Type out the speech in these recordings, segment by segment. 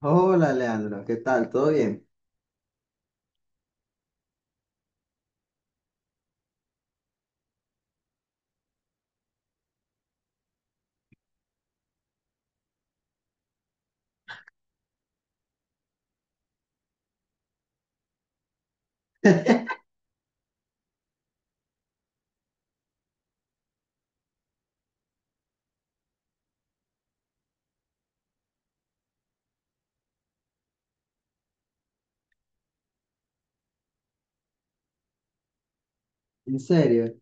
Hola Leandro, ¿qué tal? ¿Todo bien? ¿En serio?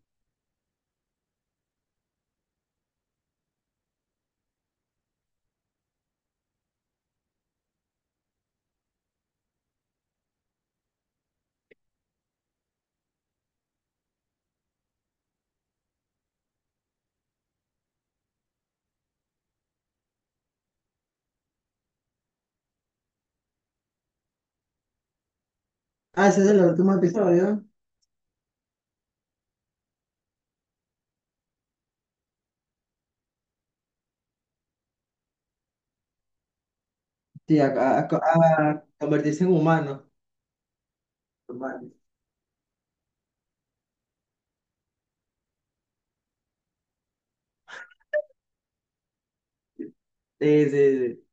Ah, ese es el último episodio. Sí, a convertirse en humano. Humano. Sí, sí, sí.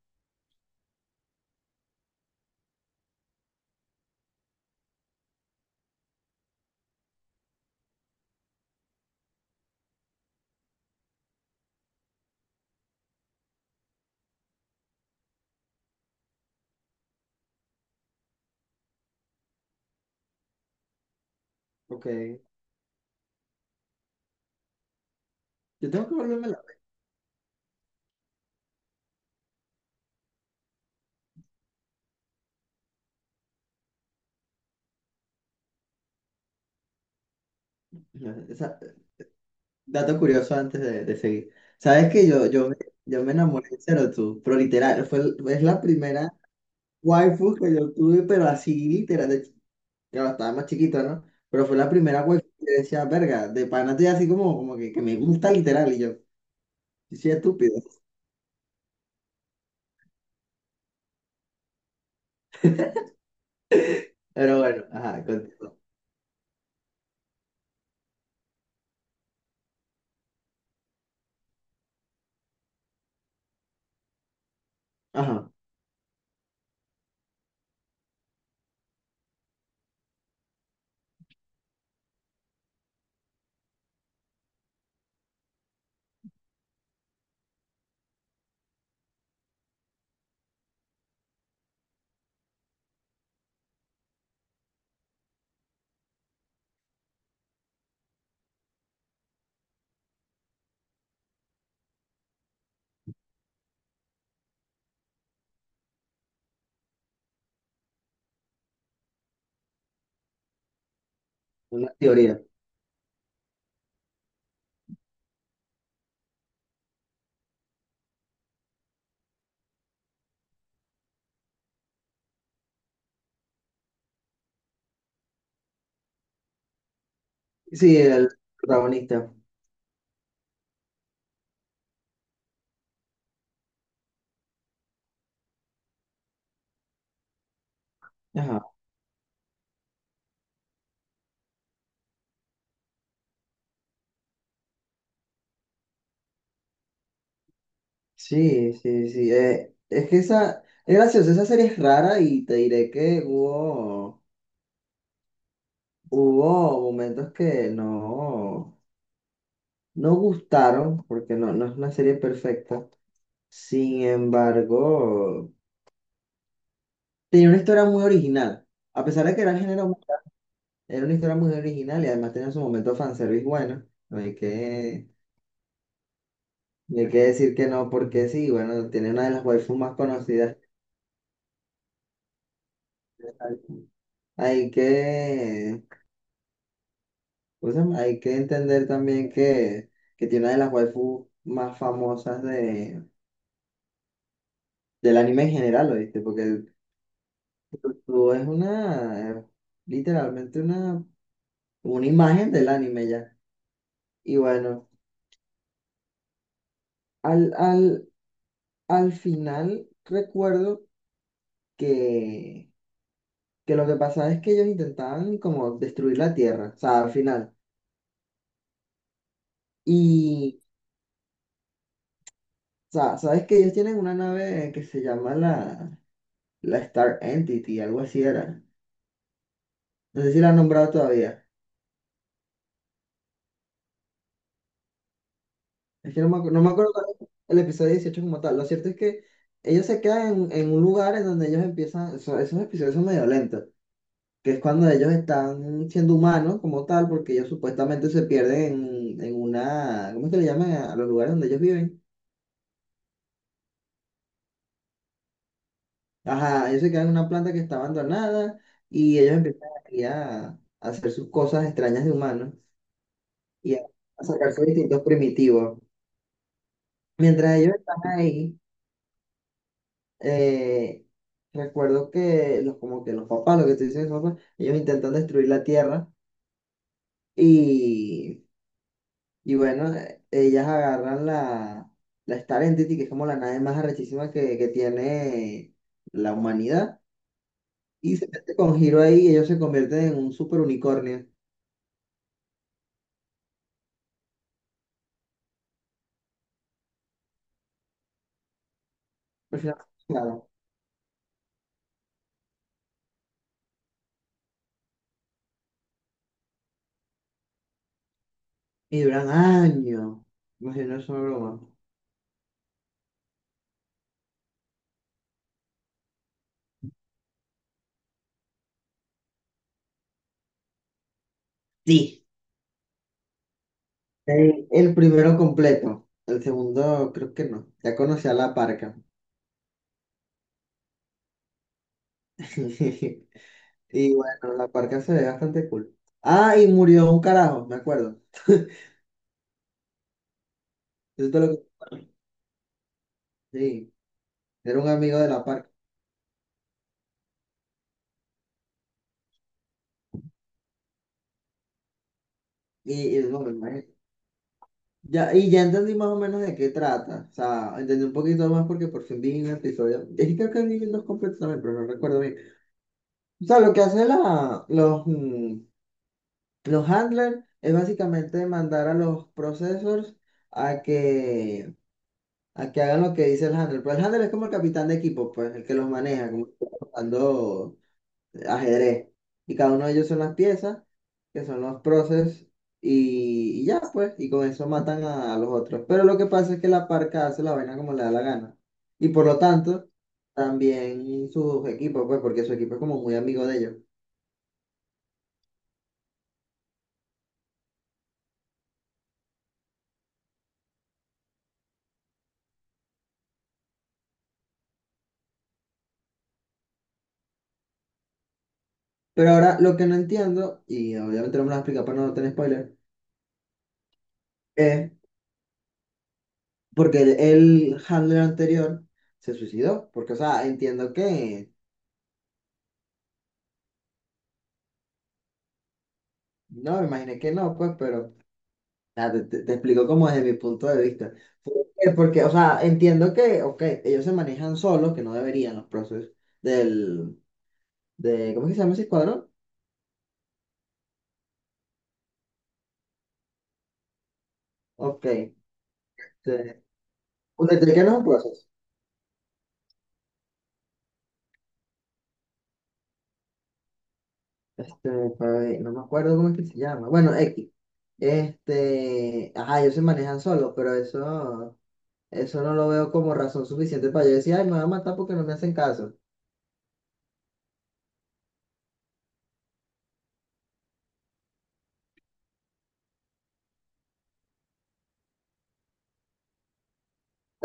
Ok. Yo tengo que volverme la. No. Dato curioso antes de seguir. ¿Sabes que yo me enamoré de Zero? Pero literal, es la primera waifu que yo tuve, pero así literal. Claro, estaba más chiquito, ¿no? Pero fue la primera waifu que decía, verga, de pana estoy así como que me gusta literal. Y yo, sí, estúpido. Pero bueno, ajá, continúo. Ajá, una teoría. Sí, el protagonista. Ajá. Sí, sí, sí. Es que esa, es gracioso, esa serie es rara y te diré que hubo, momentos que no, no gustaron, porque no, no es una serie perfecta. Sin embargo, tenía una historia muy original. A pesar de que era el género, era una historia muy original y además tenía su momento fanservice bueno. No hay que. Y hay que decir que no, porque sí, bueno, tiene una de las waifus más conocidas. Que Hay Hay que, ¿cómo se llama? Hay que entender también que tiene una de las waifus más famosas del anime en general, ¿oíste? Porque tú es una, literalmente una imagen del anime ya. Y bueno, al, al, al final recuerdo que, que lo que pasaba es que ellos intentaban como destruir la Tierra, o sea, al final. Y sea, sabes que ellos tienen una nave que se llama la Star Entity, algo así era. No sé si la han nombrado todavía. Es que no me acuerdo cuál es el episodio 18 como tal. Lo cierto es que ellos se quedan en un lugar en donde ellos empiezan, esos episodios son medio lentos, que es cuando ellos están siendo humanos como tal, porque ellos supuestamente se pierden en una, ¿cómo es que le llaman a los lugares donde ellos viven? Ajá, ellos se quedan en una planta que está abandonada y ellos empiezan ahí a hacer sus cosas extrañas de humanos. Y a sacar sus distintos primitivos. Mientras ellos están ahí, eh, recuerdo que los, como que los papás, lo que estoy diciendo, papás, ellos intentan destruir la Tierra, y, y bueno, ellas agarran la Star Entity, que es como la nave más arrechísima que tiene la humanidad, y se mete con giro ahí y ellos se convierten en un super unicornio. Al final, claro, y duran años. Imagino, es una broma. Sí. El primero completo, el segundo creo que no. Ya conocí a la parca. Y bueno, la parca se ve bastante cool. Ah, y murió un carajo, me acuerdo. Eso es todo lo que. Sí, era un amigo de la parca. Y no, me imagino. Ya, y ya entendí más o menos de qué trata. O sea, entendí un poquito más porque por fin vi un episodio. Es que creo que vi dos completos también, pero no recuerdo bien. O sea, lo que hacen los handlers es básicamente mandar a los processors a que a que hagan lo que dice el handler. Pero el handler es como el capitán de equipo, pues, el que los maneja, como que está jugando ajedrez. Y cada uno de ellos son las piezas, que son los proces, y ya, pues, y con eso matan a los otros. Pero lo que pasa es que la parca hace la vaina como le da la gana. Y por lo tanto, también sus equipos, pues, porque su equipo es como muy amigo de ellos. Pero ahora lo que no entiendo, y obviamente no me lo explica para no tener spoiler, es porque el handler anterior se suicidó. Porque, o sea, entiendo que. No, me imaginé que no, pues, pero nada, te explico como desde mi punto de vista. porque Porque, o sea, entiendo que, ok, ellos se manejan solos, que no deberían los procesos del, de, ¿cómo es que se llama ese escuadrón? Ok, este un detective no es un proceso. Este, pues, no me acuerdo cómo es que se llama. Bueno, X. Ajá, ellos se manejan solos, pero eso no lo veo como razón suficiente para yo decir, ay, me van a matar porque no me hacen caso.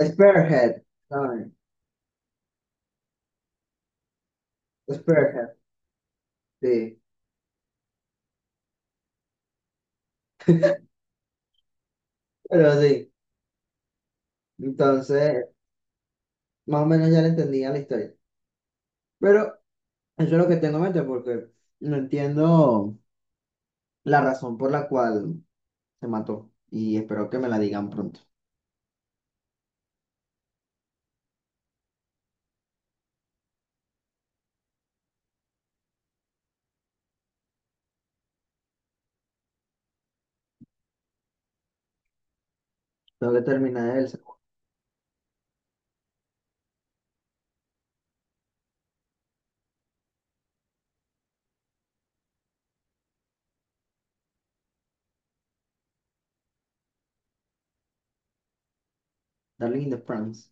Spearhead, ¿saben? Spearhead, sí. Pero sí. Entonces, más o menos ya le entendía la historia. Pero eso es lo que tengo en mente porque no entiendo la razón por la cual se mató. Y espero que me la digan pronto. Tengo que terminar el Darling in the France.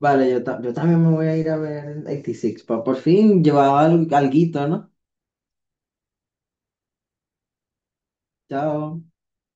Vale, yo también me voy a ir a ver 86. Pa por fin llevaba algo, alguito, ¿no? Chao.